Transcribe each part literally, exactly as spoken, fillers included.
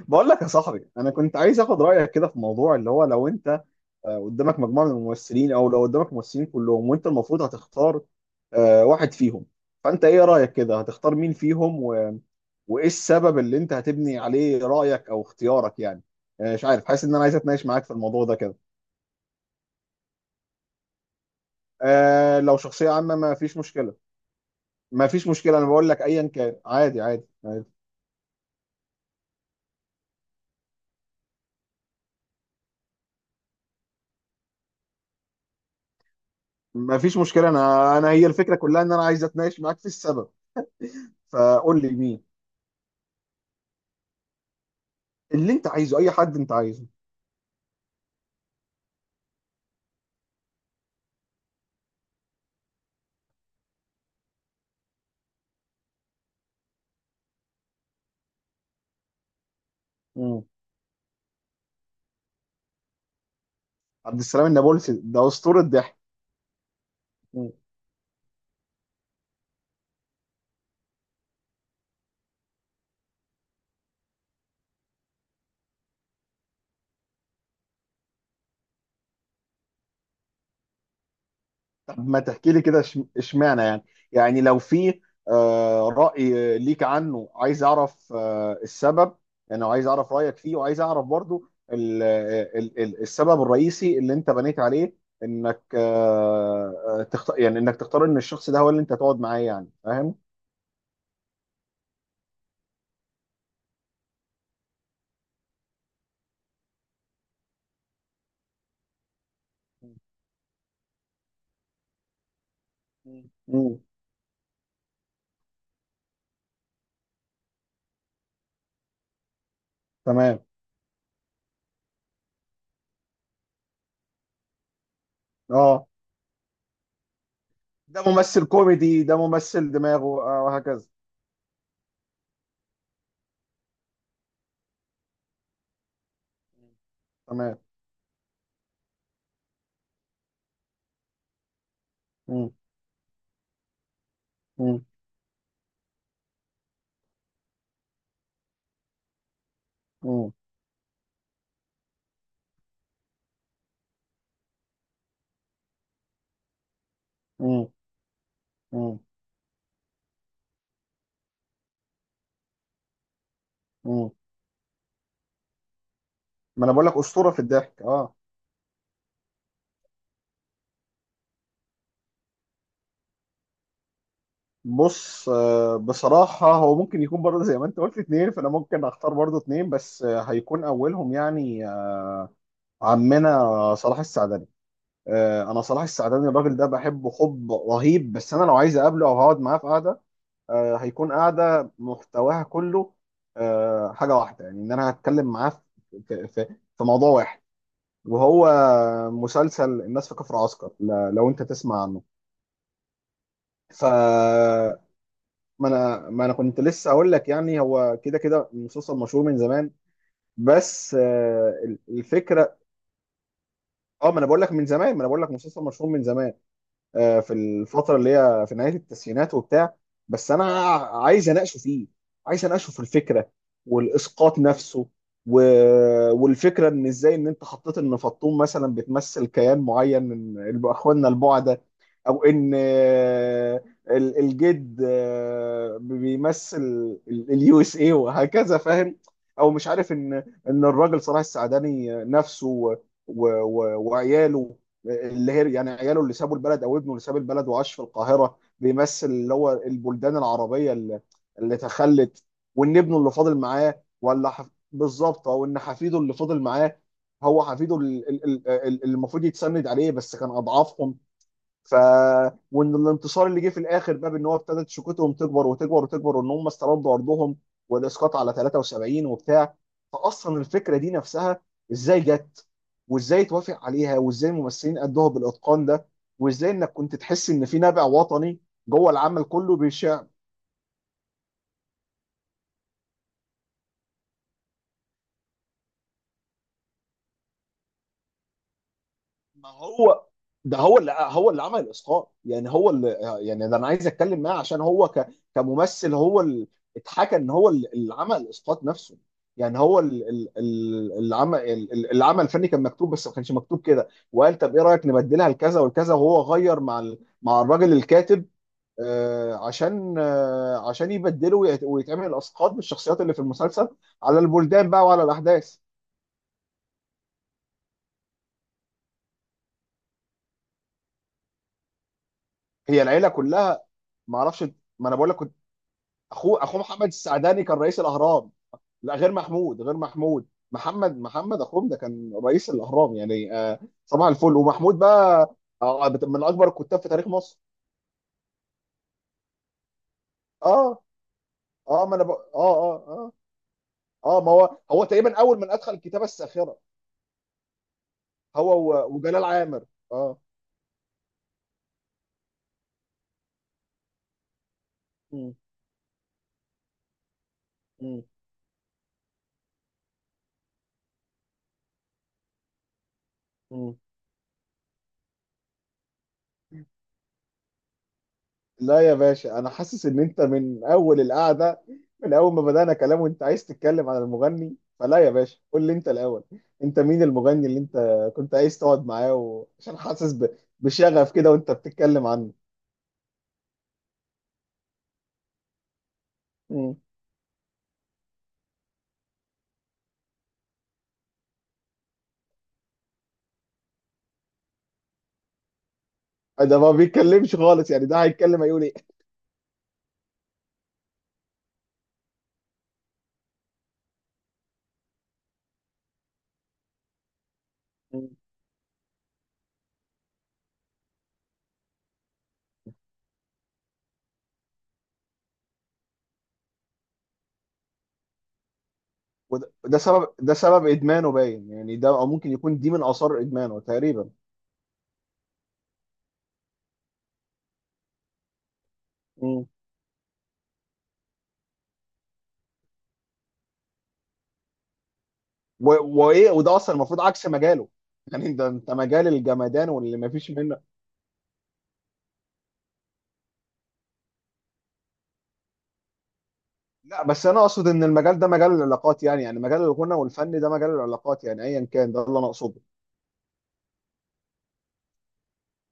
بقول لك يا صاحبي، انا كنت عايز اخد رايك كده في موضوع اللي هو لو انت آه، قدامك مجموعه من الممثلين، او لو قدامك ممثلين كلهم وانت المفروض هتختار آه، واحد فيهم. فانت ايه رايك كده، هتختار مين فيهم و... وايه السبب اللي انت هتبني عليه رايك او اختيارك يعني؟ آه، مش عارف، حاسس ان انا عايز اتناقش معاك في الموضوع ده كده. آه، لو شخصيه عامه ما فيش مشكله. ما فيش مشكله، انا بقول لك ايا كان، عادي عادي, عادي. ما فيش مشكله، انا انا هي الفكره كلها ان انا عايز اتناقش معاك في السبب، فقول لي مين اللي انت عايزه. اي حد انت عايزه. مم. عبد السلام النابلسي ده اسطوره ضحك. مم. طب ما تحكي لي كده، اش- اشمعنى يعني؟ يعني لو في آه، رأي ليك عنه، عايز اعرف آه، السبب. يعني عايز اعرف رأيك فيه، وعايز اعرف برضو ال- ال- ال- السبب الرئيسي اللي انت بنيت عليه، انك آه، آه، تختار يعني انك تختار ان الشخص ده هو اللي انت تقعد معاه، يعني فاهم. مم. مم. تمام. اه، ده ممثل كوميدي، ده ممثل دماغه آه، وهكذا. تمام. مم. مم. مم. مم. مم. مم. ما انا بقول لك اسطوره في الضحك، اه. بص، آه، بصراحه هو ممكن يكون برضه زي ما انت قلت اتنين، فانا ممكن اختار برضه اتنين، بس آه، هيكون اولهم يعني آه، عمنا صلاح السعدني. آه، انا صلاح السعدني الراجل ده بحبه حب رهيب، بس انا لو عايز اقابله او هقعد معاه في قعده آه، هيكون قعده محتواها كله آه، حاجه واحده، يعني ان انا هتكلم معاه في في- في- في موضوع واحد. وهو مسلسل الناس في كفر عسكر، ل- لو انت تسمع عنه. ف ما انا ما انا كنت لسه اقول لك يعني هو كده كده مسلسل مشهور من زمان. بس آه، ال- الفكره. اه، ما انا بقول لك من زمان، ما انا بقول لك مسلسل مشهور من زمان. آه، في الفتره اللي هي في نهايه التسعينات وبتاع. بس انا عايز اناقشه فيه، عايز اناقشه في الفكره والاسقاط نفسه و... والفكره ان ازاي، ان انت حطيت ان فطوم مثلا بتمثل كيان معين من الب- اخواننا البعده، او ان آه، ال- الجد آه، بيمثل اليو اس اي وهكذا، فاهم؟ او مش عارف ان ان الراجل صلاح السعداني نفسه و... و... و... وعياله، اللي هي يعني عياله اللي سابوا البلد، او ابنه اللي ساب البلد وعاش في القاهره، بيمثل اللي هو البلدان العربيه اللي, اللي تخلت. وان ابنه اللي فاضل معاه ولا حف... بالظبط، او ان حفيده اللي فاضل معاه هو حفيده ال- ال- ال- ال- اللي المفروض يتسند عليه، بس كان اضعافهم. ف وان الانتصار اللي جه في الاخر بقى، بان هو ابتدت شوكتهم تكبر وتكبر وتكبر، وان هم استردوا ارضهم، والاسقاط على تلاته وسبعين وبتاع. فاصلا الفكره دي نفسها ازاي جت، وازاي توافق عليها، وازاي الممثلين ادوها بالاتقان ده، وازاي انك كنت تحس ان في نبع وطني جوه العمل كله. بيش ما هو ده هو اللي هو اللي عمل الاسقاط يعني. هو اللي يعني ده انا عايز اتكلم معاه، عشان هو ك... كممثل هو اللي اتحكى ان هو اللي اللي عمل الاسقاط نفسه. يعني هو ال- ال- ال- العمل ال- ال- العمل الفني كان مكتوب، بس ما كانش مكتوب كده، وقال طب ايه رايك نبدلها لكذا والكذا، وهو غير مع ال- مع الراجل الكاتب آه، عشان آه، عشان يبدله ويت- ويتعمل الاسقاط بالشخصيات اللي في المسلسل على البلدان بقى وعلى الاحداث. هي العيله كلها، ما اعرفش. ما انا بقول لك، اخوه اخوه محمد السعداني كان رئيس الاهرام. لا، غير محمود، غير محمود، محمد محمد اخوهم ده كان رئيس الاهرام يعني آه صباح الفل. ومحمود بقى آه بت- من اكبر الكتاب في تاريخ مصر. اه، اه، ما انا بق... اه، اه، اه، اه، ما هو هو تقريبا اول من ادخل الكتابه الساخره، هو و- وجلال عامر. اه. م- م- م. لا يا باشا، انا حاسس ان انت من اول القعده، من اول ما بدانا كلام، وانت عايز تتكلم عن المغني، فلا يا باشا قول لي انت الاول، انت مين المغني اللي انت كنت عايز تقعد معاه و- عشان حاسس ب- بشغف كده وانت بتتكلم عنه؟ مم. ده ما بيتكلمش خالص، يعني ده هيتكلم هيقول ايه؟ مم. وده ده سبب ده سبب ادمانه باين، يعني ده، او ممكن يكون دي من اثار ادمانه تقريبا. مم. و- وايه، وده اصلا المفروض عكس مجاله. يعني انت انت مجال الجمدان واللي ما فيش منه. لا، بس انا اقصد ان المجال ده مجال العلاقات، يعني يعني مجال الغنى والفن ده مجال العلاقات، يعني ايا كان ده اللي انا اقصده.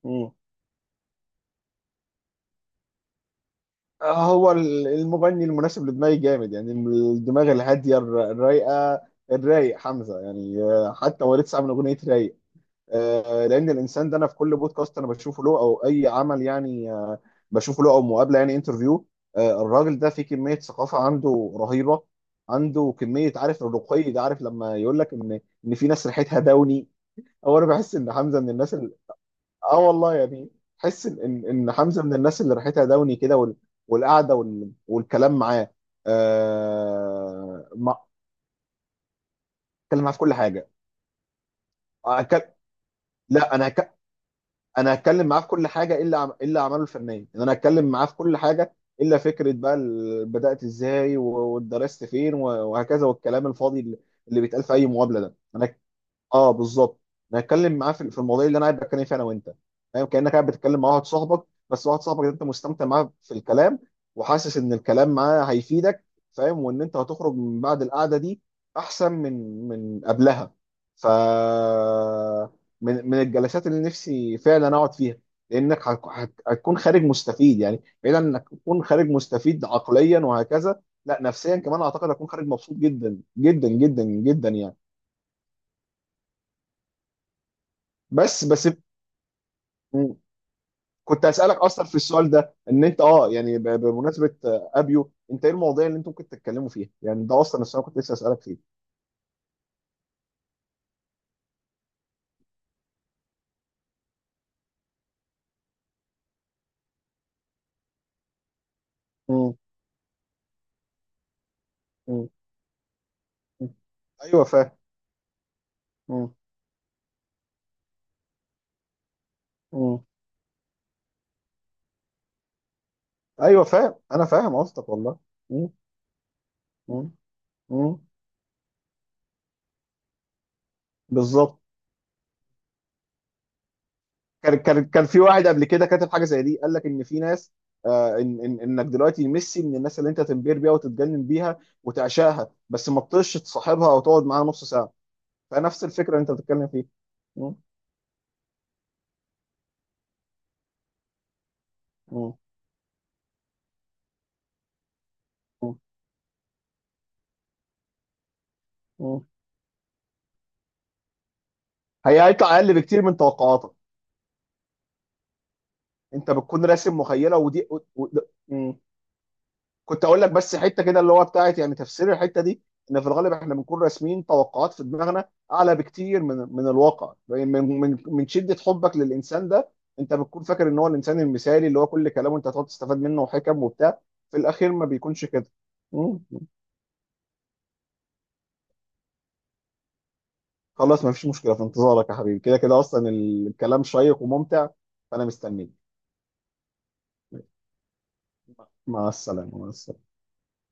مم. هو ال- المغني المناسب لدماغي جامد، يعني الدماغ الهاديه الر- الرايقه، الرايق حمزه يعني، آه، حتى هو لسه عامل اغنيه رايق. آه، لان الانسان ده انا في كل بودكاست انا بشوفه له او اي عمل يعني، آه، بشوفه له او مقابله، يعني انترفيو. آه، الراجل ده فيه كميه ثقافه عنده رهيبه، عنده كميه، عارف الرقي ده، عارف لما يقول لك ان ان في ناس ريحتها دوني. هو انا بحس ان حمزه من الناس اللي، اه والله يعني، بحس ان ان إن حمزه من الناس اللي ريحتها دوني كده، وال... والقعده وال... والكلام معاه. آه... ما... اتكلم معاه في كل حاجه. أكل... لا، انا هك... انا هتكلم معاه في كل حاجه، الا عم... الا اعماله الفنيه، ان انا هتكلم معاه في كل حاجه، الا فكره بقى ال... بدات ازاي، و- واتدرست فين، و... وهكذا، والكلام الفاضي اللي اللي بيتقال في اي مقابله ده، انا. اه، بالظبط. نتكلم معاه في في المواضيع اللي انا قاعد بتكلم فيها انا وانت، فاهم؟ كانك قاعد بتتكلم مع واحد صاحبك، بس واحد صاحبك ده انت مستمتع معاه في الكلام، وحاسس ان الكلام معاه هيفيدك، فاهم؟ وان انت هتخرج من بعد القعده دي احسن من من قبلها. ف من من الجلسات اللي نفسي فعلا اقعد فيها، لانك هت- هت- هتكون خارج مستفيد، يعني بعيد عن انك تكون خارج مستفيد عقليا وهكذا، لا نفسيا كمان، اعتقد هتكون خارج مبسوط جدا جدا جدا جدا يعني. بس بس كنت هسألك اصلا في السؤال ده، ان انت اه يعني ب- بمناسبة آه، ابيو، انت ايه المواضيع اللي انتم ممكن تتكلموا فيها يعني؟ ده اصلا السؤال كنت لسه هسألك فيه. مم. مم. مم. ايوه، فاهم. مم. مم. ايوه، فاهم. انا فاهم قصدك والله. مم. مم. مم. بالظبط. كان كان كان في واحد قبل كده كاتب حاجه زي دي، قال لك ان في ناس، آه إن إن انك دلوقتي ميسي من الناس اللي انت تنبهر بيها وتتجنن بيها وتعشاها، بس ما تطيش تصاحبها او تقعد معاها نص ساعه. فنفس الفكره اللي انت بتتكلم فيها. مم. مم. مم. هي هيطلع اقل بكتير من توقعاتك، انت بتكون راسم مخيله ودي و... و... مم. كنت اقول لك بس حته كده، اللي هو بتاعت يعني تفسير الحته دي، ان في الغالب احنا بنكون راسمين توقعات في دماغنا اعلى بكتير من من الواقع، يعني من من من شده حبك للانسان ده، انت بتكون فاكر ان هو الانسان المثالي اللي هو كل كلامه انت هتقعد تستفاد منه وحكم وبتاع. في الاخير ما بيكونش كده. مم. خلاص، ما فيش مشكله، في انتظارك يا حبيبي، كده كده اصلا الكلام شيق وممتع، فانا مستنيك. مع السلامه، مع السلامه.